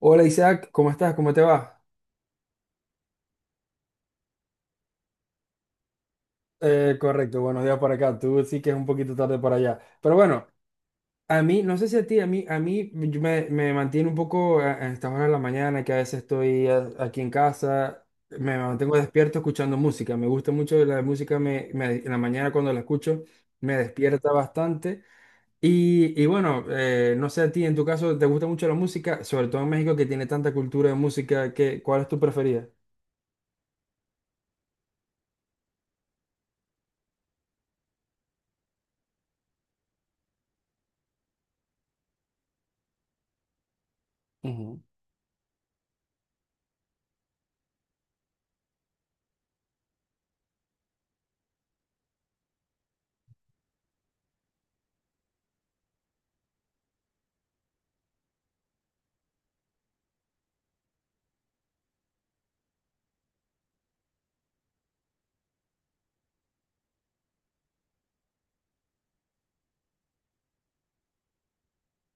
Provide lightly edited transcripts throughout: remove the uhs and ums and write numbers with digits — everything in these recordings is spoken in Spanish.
Hola Isaac, ¿cómo estás? ¿Cómo te va? Correcto, buenos días por acá. Tú sí que es un poquito tarde por allá. Pero bueno, a mí, no sé si a ti, a mí yo me mantiene un poco a estas horas de la mañana, que a veces estoy aquí en casa, me mantengo despierto escuchando música. Me gusta mucho la música, en la mañana cuando la escucho me despierta bastante. Y bueno, no sé a ti, en tu caso, ¿te gusta mucho la música? Sobre todo en México que tiene tanta cultura de música, que, ¿cuál es tu preferida? Ujú,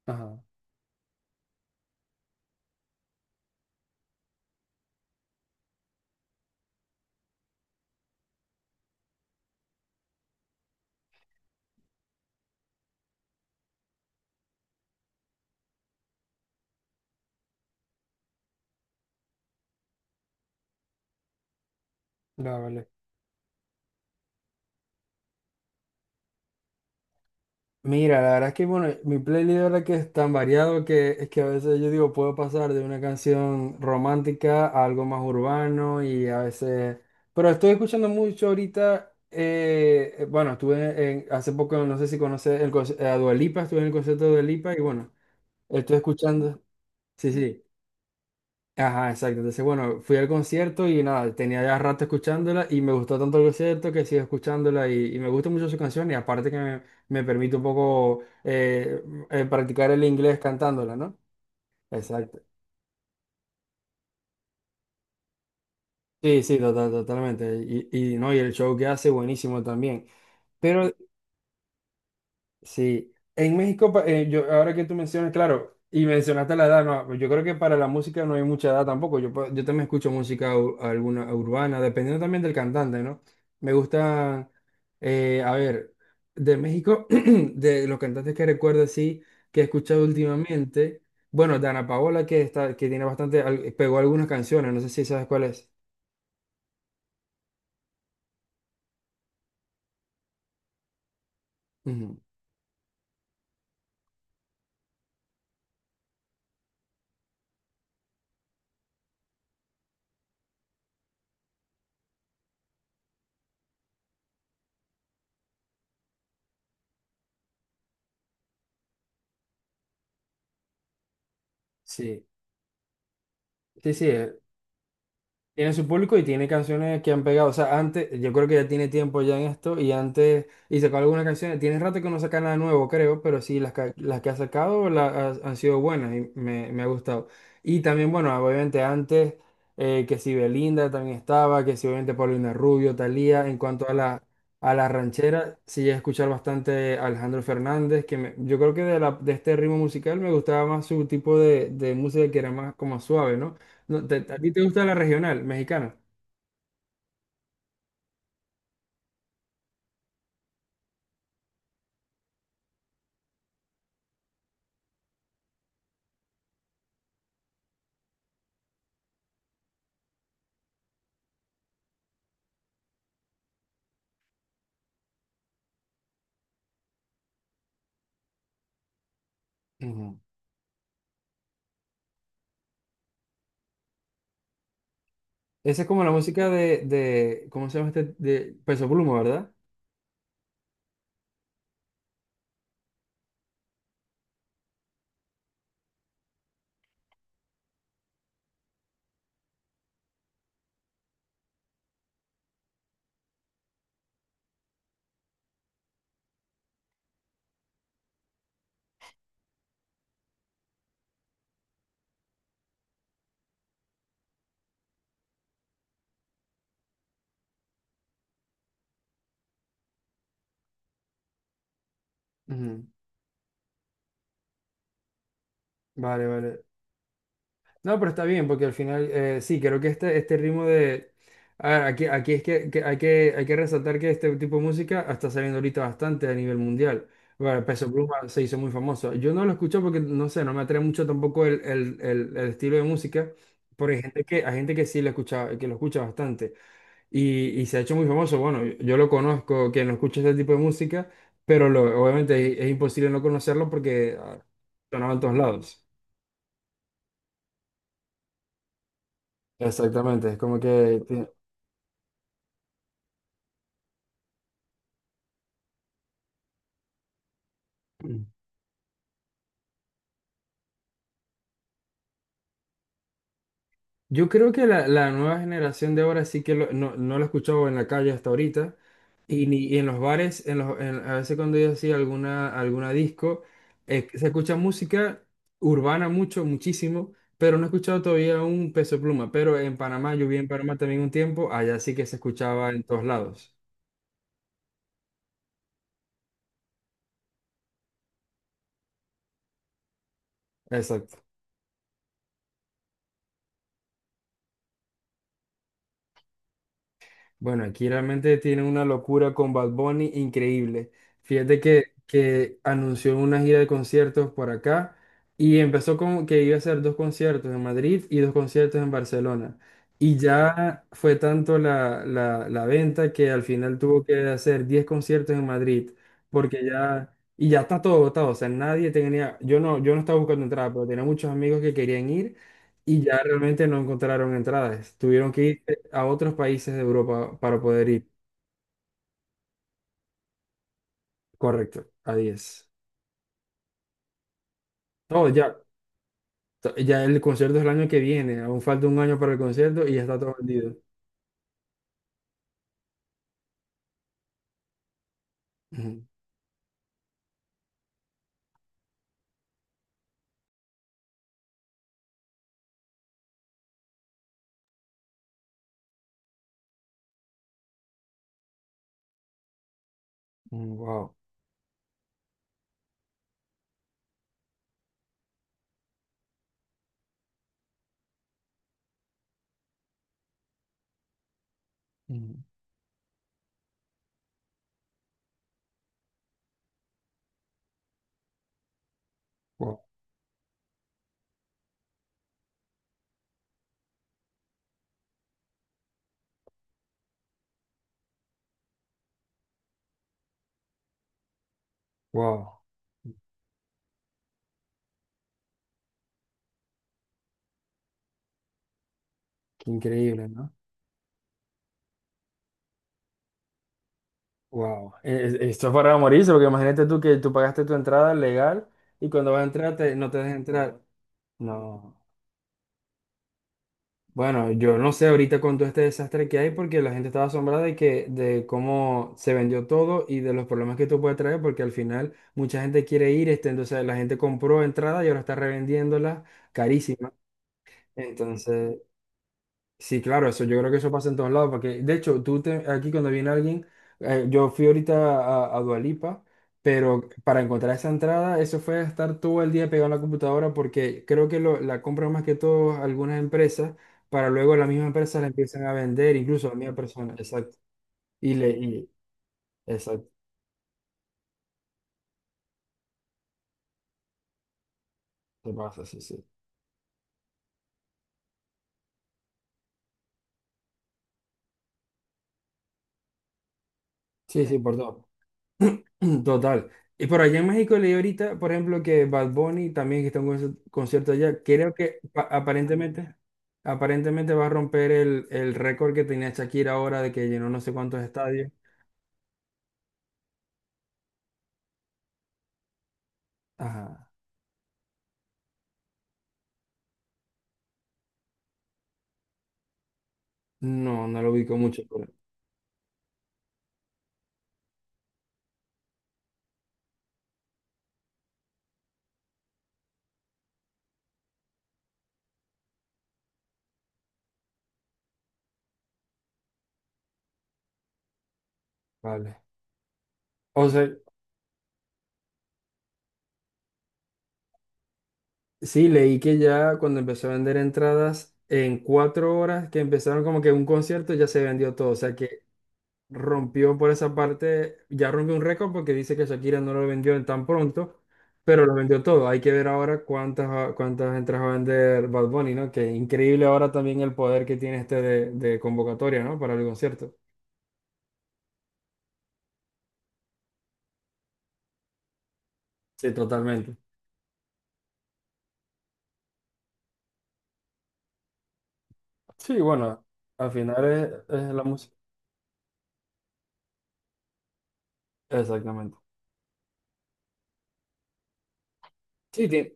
ajá, ya, vale. Mira, la verdad es que bueno, mi playlist ahora que es tan variado que es que a veces yo digo, puedo pasar de una canción romántica a algo más urbano y a veces, pero estoy escuchando mucho ahorita, bueno, hace poco, no sé si conoces a Dua Lipa, estuve en el concierto de Dua Lipa y bueno, estoy escuchando, sí, sí. Ajá, exacto. Entonces, bueno, fui al concierto y nada, tenía ya rato escuchándola y me gustó tanto el concierto que sigo escuchándola y me gusta mucho su canción y aparte que me permite un poco practicar el inglés cantándola, ¿no? Exacto. Sí, sí, total- totalmente. Y no, y el show que hace buenísimo también. Pero sí, en México, yo, ahora que tú mencionas, claro, y mencionaste la edad, no, yo creo que para la música no hay mucha edad tampoco. Yo, yo también escucho música alguna urbana, dependiendo también del cantante, ¿no? Me gusta, a ver, de México, de los cantantes que recuerdo así, que he escuchado últimamente, bueno, Dana Paola, que está, que tiene bastante, pegó algunas canciones, no sé si sabes cuál es. Ujú. Sí, sí, sí. Tiene su público y tiene canciones que han pegado. O sea, antes, yo creo que ya tiene tiempo ya en esto y antes, y sacó algunas canciones. Tiene rato que no saca nada nuevo, creo, pero sí, las, las que ha sacado han sido buenas y me ha gustado. Y también, bueno, obviamente antes, que si Belinda también estaba, que si obviamente Paulina Rubio, Thalía, en cuanto a la ranchera, sí llegué a escuchar bastante a Alejandro Fernández, yo creo que de, la, de este ritmo musical me gustaba más su tipo de música que era más como suave, ¿no? No, ¿a ti te gusta la regional mexicana? Ujú. Esa es como la música de, ¿cómo se llama este? De Peso Pluma, ¿verdad? Ujú. Vale, vale. No, pero está bien, porque al final, sí, creo que este ritmo de... A ver, aquí es que, hay que resaltar que este tipo de música está saliendo ahorita bastante a nivel mundial. Bueno, Peso Pluma se hizo muy famoso. Yo no lo escucho porque, no sé, no me atrae mucho tampoco el estilo de música, pero hay gente que sí lo escucha, que lo escucha bastante. Y, y se ha hecho muy famoso. Bueno, yo, lo conozco, quien no escucha este tipo de música, pero lo, obviamente es imposible no conocerlo porque sonaba en todos lados. Exactamente, es como que... tiene- Yo creo que la nueva generación de ahora sí no, no lo he escuchado en la calle hasta ahorita. Y, y en los bares, a veces cuando yo hacía alguna, alguna disco, se escucha música urbana mucho, muchísimo, pero no he escuchado todavía un Peso Pluma. Pero en Panamá, yo viví en Panamá también un tiempo, allá sí que se escuchaba en todos lados. Exacto. Bueno, aquí realmente tiene una locura con Bad Bunny increíble. Fíjate que anunció una gira de conciertos por acá y empezó con que iba a hacer dos conciertos en Madrid y dos conciertos en Barcelona. Y ya fue tanto la venta que al final tuvo que hacer 10 conciertos en Madrid porque ya, y ya está todo agotado. O sea, nadie tenía, yo no estaba buscando entradas, pero tenía muchos amigos que querían ir y ya realmente no encontraron entradas. Tuvieron que ir a otros países de Europa para poder ir. Correcto, a 10. No, ya, ya el concierto es el año que viene. Aún falta un año para el concierto y ya está todo vendido. Ujú, ujú, wow, ujú, wow, wow. Qué increíble, ¿no? Wow. Esto es para morirse, porque imagínate tú que tú pagaste tu entrada legal y cuando vas a entrar no te dejan entrar. No. Bueno, yo no sé ahorita con todo este desastre que hay porque la gente estaba asombrada de que de cómo se vendió todo y de los problemas que esto puede traer porque al final mucha gente quiere ir, este, entonces la gente compró entrada y ahora está revendiéndola carísima. Entonces, sí, claro, eso, yo creo que eso pasa en todos lados, porque de hecho, aquí cuando viene alguien, yo fui ahorita a Dua Lipa, pero para encontrar esa entrada, eso fue estar todo el día pegado en la computadora, porque creo que la compran más que todo algunas empresas, para luego las mismas empresas la empiezan a vender, incluso a la misma persona, exacto, y le, y, exacto, se pasa, sí, sí, sí, sí, por todo. Total. Y por allá en México leí ahorita, por ejemplo, que Bad Bunny también que está en un concierto allá. Creo que aparentemente, aparentemente va a romper el récord que tenía Shakira ahora de que llenó no sé cuántos estadios. Ajá. No, no lo ubico mucho, pero vale. O sea, sí, leí que ya cuando empezó a vender entradas, en 4 horas que empezaron como que un concierto ya se vendió todo. O sea que rompió por esa parte, ya rompió un récord porque dice que Shakira no lo vendió en tan pronto, pero lo vendió todo. Hay que ver ahora cuántas, cuántas entradas va a vender Bad Bunny, ¿no? Que increíble ahora también el poder que tiene este de convocatoria, ¿no? Para el concierto. Sí, totalmente. Sí, bueno, al final es la música. Exactamente. Sí, tiene,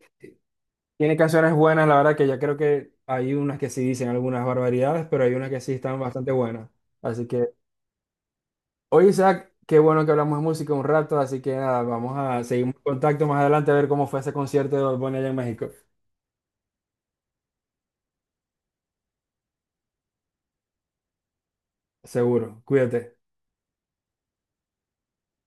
tiene canciones buenas, la verdad que ya creo que hay unas que sí dicen algunas barbaridades, pero hay unas que sí están bastante buenas. Así que... Oye, Isaac, qué bueno que hablamos de música un rato, así que nada, vamos a seguir en contacto más adelante a ver cómo fue ese concierto de Bad Bunny allá en México. Seguro, cuídate.